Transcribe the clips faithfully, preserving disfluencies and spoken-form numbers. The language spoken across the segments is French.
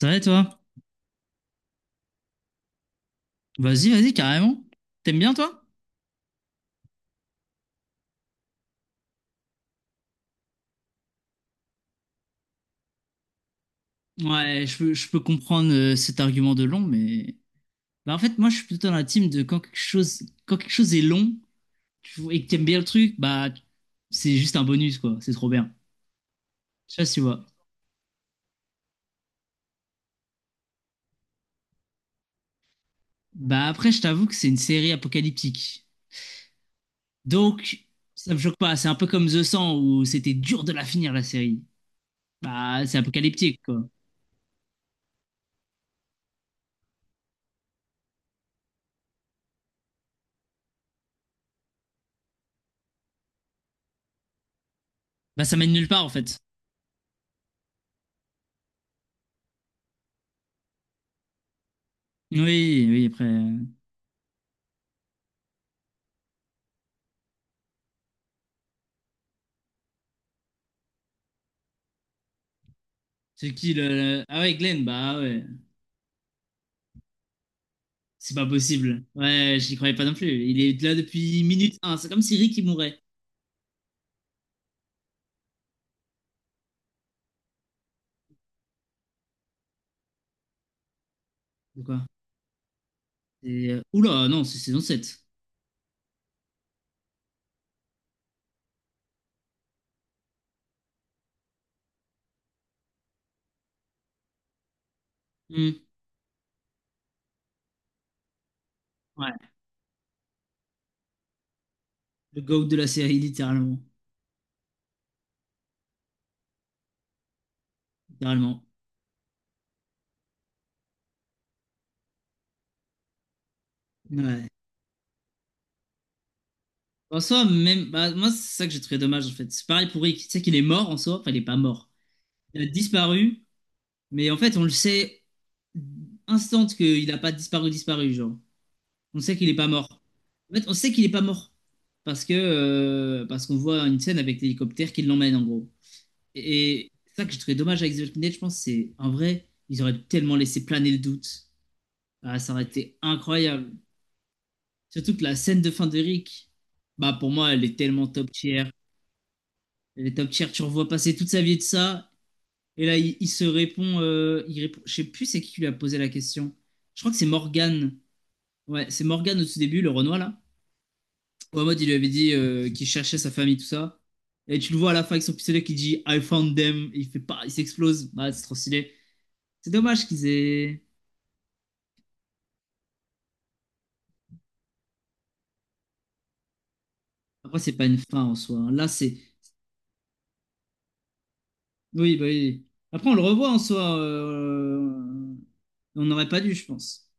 Ça va, toi? Vas-y, vas-y, carrément. T'aimes bien, toi? Ouais, je peux, je peux comprendre euh, cet argument de long, mais... Bah, en fait, moi, je suis plutôt dans la team de quand quelque chose, quand quelque chose est long tu- et que t'aimes bien le truc, bah, c'est juste un bonus, quoi. C'est trop bien. Je sais pas si tu vois. Bah, après, je t'avoue que c'est une série apocalyptique. Donc, ça me choque pas. C'est un peu comme The cent, où c'était dur de la finir, la série. Bah, c'est apocalyptique, quoi. Bah, ça mène nulle part, en fait. Oui, oui, après... euh, C'est qui le... le- Ah ouais, Glenn, bah ouais. C'est pas possible. Ouais, j'y croyais pas non plus. Il est là depuis minute un. C'est comme si Rick il mourait. Ou quoi. Et, euh, Oula, non, c'est saison sept. Hmm. Ouais, le GOAT de la série, littéralement. Littéralement. Ouais. En soi, même, bah, moi, c'est ça que j'ai trouvé dommage, en fait. C'est pareil pour Rick. Tu sais qu'il est mort en soi. Enfin, il est pas mort. Il a disparu. Mais en fait, on le sait instant qu'il a pas disparu, disparu, genre. On sait qu'il est pas mort. En fait, on sait qu'il est pas mort. Parce que, euh, parce qu'on voit une scène avec l'hélicoptère qui l'emmène, en gros. Et ça que je trouvé dommage avec The Walking Dead, je pense, c'est en vrai, ils auraient tellement laissé planer le doute. Ah, ça aurait été incroyable. Surtout que la scène de fin de Rick, bah pour moi, elle est tellement top tier. Elle est top tier, tu revois passer toute sa vie de ça. Et là, il, il se répond, euh, il répond. Je sais plus c'est qui qui lui a posé la question. Je crois que c'est Morgan. Ouais, c'est Morgan au tout début, le Renoir là. Où Ahmad, il lui avait dit euh, qu'il cherchait sa famille, tout ça. Et tu le vois à la fin avec son pistolet qui dit I found them. Il fait pas, il s'explose. Bah, c'est trop stylé. C'est dommage qu'ils aient. Après, c'est pas une fin en soi, hein. Là, c'est. Oui, bah oui. Après, on le revoit en soi. euh, On n'aurait pas dû, je pense.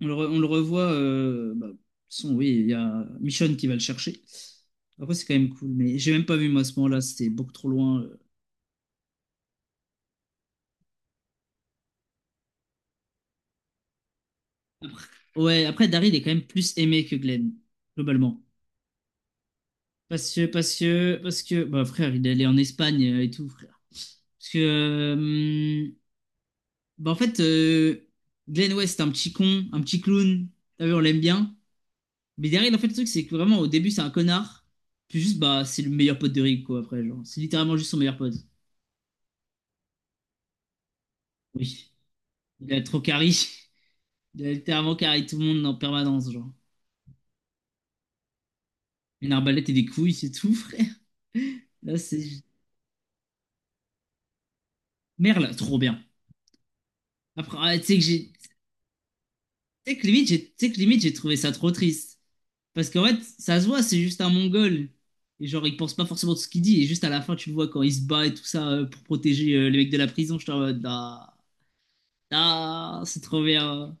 On le, re- on le revoit. Euh, bah, de toute façon, oui, il y a Michonne qui va le chercher. Après, c'est quand même cool. Mais j'ai même pas vu, moi, à ce moment-là. C'était beaucoup trop loin. euh. Ouais, après, Daryl est quand même plus aimé que Glenn, globalement. Parce que, parce que, parce que, bah, frère, il est allé en Espagne euh, et tout, frère. Parce que, euh, Bah, en fait, euh, Glenn West, c'est un petit con, un petit clown. T'as vu, on l'aime bien. Mais derrière, en fait, le truc, c'est que vraiment, au début, c'est un connard. Puis juste, bah, c'est le meilleur pote de Rick, quoi, après. Genre, c'est littéralement juste son meilleur pote. Oui. Il a trop carry. Il a littéralement carry tout le monde en permanence, genre. Une arbalète et des couilles, c'est tout, frère. Là, c'est. Merle, trop bien. Après, ah, tu sais que j'ai. Tu sais que limite, j'ai tu sais que limite, j'ai trouvé ça trop triste. Parce qu'en fait, ça se voit, c'est juste un Mongol. Et genre, il pense pas forcément de ce qu'il dit. Et juste à la fin, tu le vois quand il se bat et tout ça euh, pour protéger euh, les mecs de la prison. Je suis en mode, ah, ah, c'est trop bien.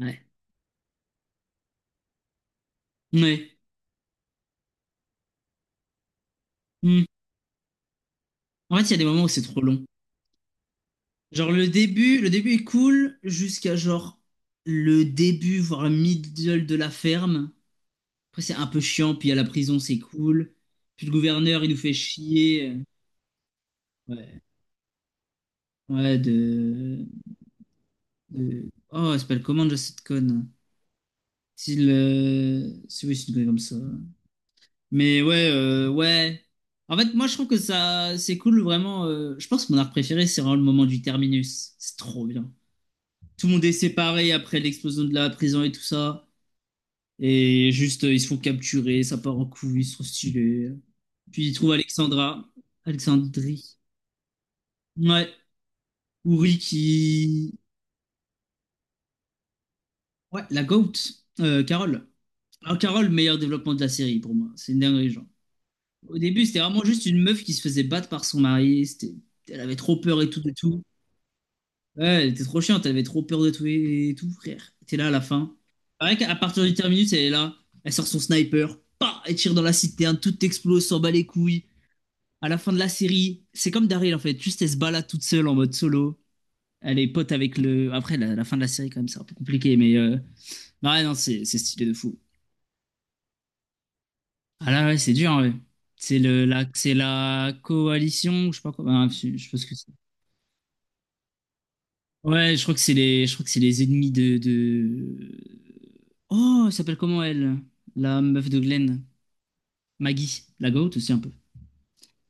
Ouais. Ouais. Hmm. En fait, il y a des moments où c'est trop long. Genre, le début, le début est cool jusqu'à genre le début, voire le middle de la ferme. Après, c'est un peu chiant. Puis à la prison, c'est cool. Puis le gouverneur, il nous fait chier. Ouais. Ouais, de. de... Oh, elle s'appelle comment, déjà, cette conne? S'il, euh, si oui, s'il connaît comme ça. Mais ouais, euh, ouais. En fait, moi, je trouve que ça, c'est cool, vraiment. euh, je pense que mon art préféré, c'est vraiment le moment du terminus. C'est trop bien. Tout le monde est séparé après l'explosion de la prison et tout ça. Et juste, euh, ils se font capturer, ça part en couille, c'est trop stylé. Puis ils trouvent Alexandra. Alexandrie. Ouais. Ou Ricky. Ouais, la GOAT. Euh, Carole. Alors, Carole, meilleur développement de la série pour moi. C'est une dinguerie, genre. Au début, c'était vraiment juste une meuf qui se faisait battre par son mari. C'était- Elle avait trop peur et tout de tout. Ouais, elle était trop chiante, elle avait trop peur de tout et tout, frère. T'es là à la fin. Pareil qu'à partir du terminus, elle est là. Elle sort son sniper. Pas, elle tire dans la citerne, tout explose, s'en bat les couilles. À la fin de la série, c'est comme Daryl en fait. Juste elle se balade toute seule en mode solo. Elle est pote avec le. Après, la, la fin de la série, quand même, c'est un peu compliqué, mais. euh, Non, Ouais, non, c'est c'est stylé de fou. Ah là, ouais, c'est dur, hein, ouais. C'est le, la, c'est la coalition, je sais pas quoi. Bah, je je sais pas ce que c'est. Ouais, je crois que c'est les, je crois que c'est les ennemis de, de... Oh, elle s'appelle comment elle? La meuf de Glenn. Maggie. La goat aussi un peu.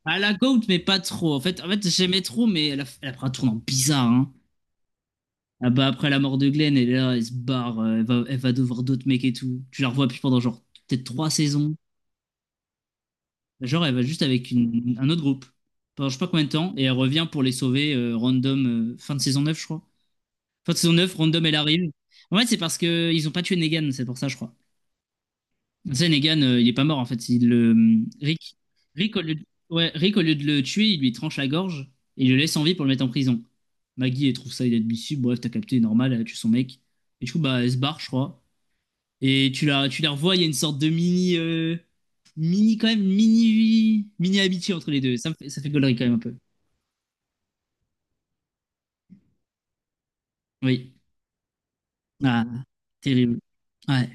Ah, la goat, mais pas trop. En fait, en fait, j'aimais trop, mais elle a, elle a pris un tournant bizarre, hein. Ah bah, après la mort de Glenn, elle est là, elle se barre, euh, elle va, elle va devoir d'autres mecs et tout. Tu la revois plus pendant genre peut-être trois saisons. Genre, elle va juste avec une, un autre groupe. Pendant je sais pas combien de temps, et elle revient pour les sauver euh, random, euh, fin de saison neuf je crois. Fin de saison neuf random, elle arrive. En fait, c'est parce que ils ont pas tué Negan, c'est pour ça, je crois. Tu sais, Negan, euh, il est pas mort en fait. Il, le Rick, Rick, au lieu de, ouais, Rick, au lieu de le tuer, il lui tranche la gorge et il le laisse en vie pour le mettre en prison. Maggie, elle trouve ça inadmissible. Bref, t'as capté, normal, elle a tué son mec. Et du coup, bah, elle se barre, je crois. Et tu la, tu la revois, il y a une sorte de mini. euh, Mini, quand même, mini. Mini amitié entre les deux. Ça, me fait, ça fait gaulerie quand même un peu. Oui. Ah, terrible. Ouais.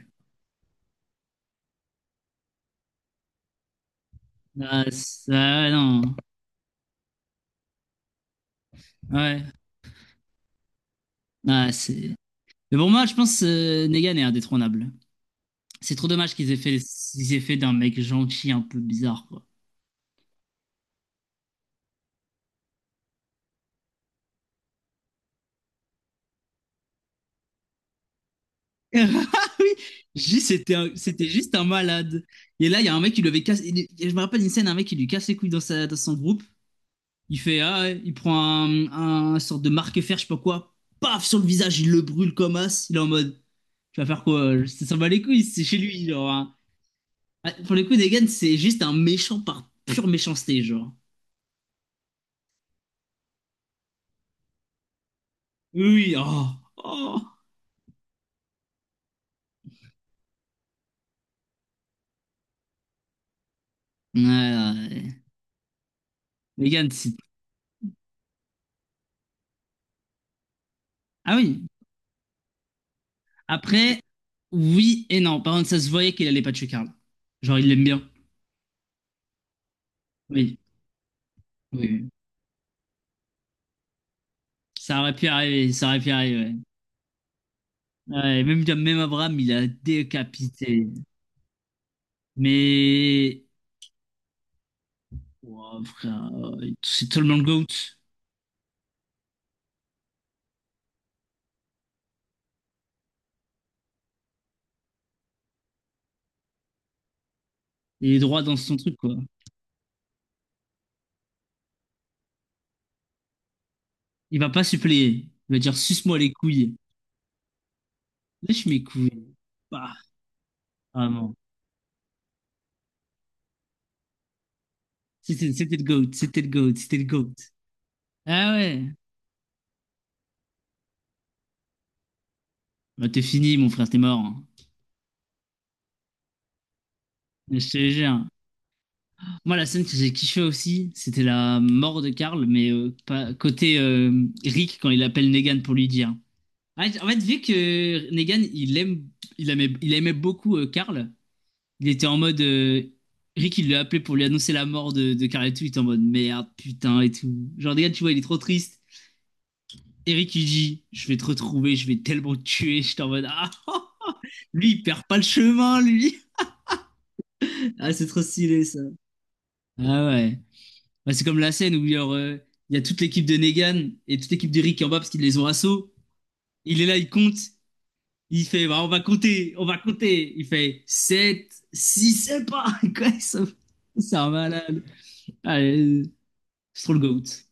Ah, ça, non. Ouais. Ah, c'est. Mais pour moi, je pense que Negan est indétrônable. C'est trop dommage qu'ils aient fait, qu'ils aient fait d'un mec gentil un peu bizarre, quoi. Ah oui, J, c'était un- c'était juste un malade. Et là, il y a un mec qui lui avait cassé. il- il- Je me rappelle d'une scène, un mec qui lui casse les couilles dans, sa, dans son groupe. Il fait, ah, ouais, il prend un, un sorte de marque-fer, je sais pas quoi. Paf, sur le visage, il le brûle comme as. Il est en mode, tu vas faire quoi? Ça s'en bat les couilles, c'est chez lui, genre, hein. Ah, Pour le coup, Negan, c'est juste un méchant par pure méchanceté, genre. Oui, oui, oh, oh. Ouais, ouais, ouais. Negan, c'est. Ah oui. Après, Oui et non. Par contre, ça se voyait qu'il allait pas tuer Karl. Genre, il l'aime bien. Oui. Oui, oui. Ça aurait pu arriver. Ça aurait pu arriver. Ouais, Ouais, même, même Abraham, il a décapité. Mais. Ouah, frère, euh, c'est tellement le GOAT. Il est droit dans son truc, quoi. Il va pas suppléer. Il va dire, suce-moi les couilles. Lâche mes couilles. Bah, vraiment. C'était c'était le GOAT. C'était le GOAT. C'était le GOAT. Ah ouais. Bah, t'es fini, mon frère. T'es mort, hein. Je te jure. Moi, la scène que j'ai kiffé aussi, c'était la mort de Karl, mais euh, pas, côté euh, Rick quand il appelle Negan pour lui dire. En fait, en fait, vu que Negan, il aime, il aimait, il aimait beaucoup euh, Karl, il était en mode. euh, Rick, il lui a appelé pour lui annoncer la mort de, de Karl et tout, il était en mode merde, putain et tout. Genre, Negan, tu vois, il est trop triste. Et Rick, il dit, je vais te retrouver, je vais tellement te tuer. J'étais en mode, ah, lui, il perd pas le chemin, lui. Ah, c'est trop stylé, ça. Ah ouais. Bah, c'est comme la scène où il y a, euh, il y a toute l'équipe de Negan et toute l'équipe d'Eric qui est en bas parce qu'ils les ont assaut. Il est là, il compte. Il fait, bah, on va compter, on va compter. Il fait sept, six, c'est pas. Quoi, ça- c'est un malade. Allez, c'est trop le GOAT.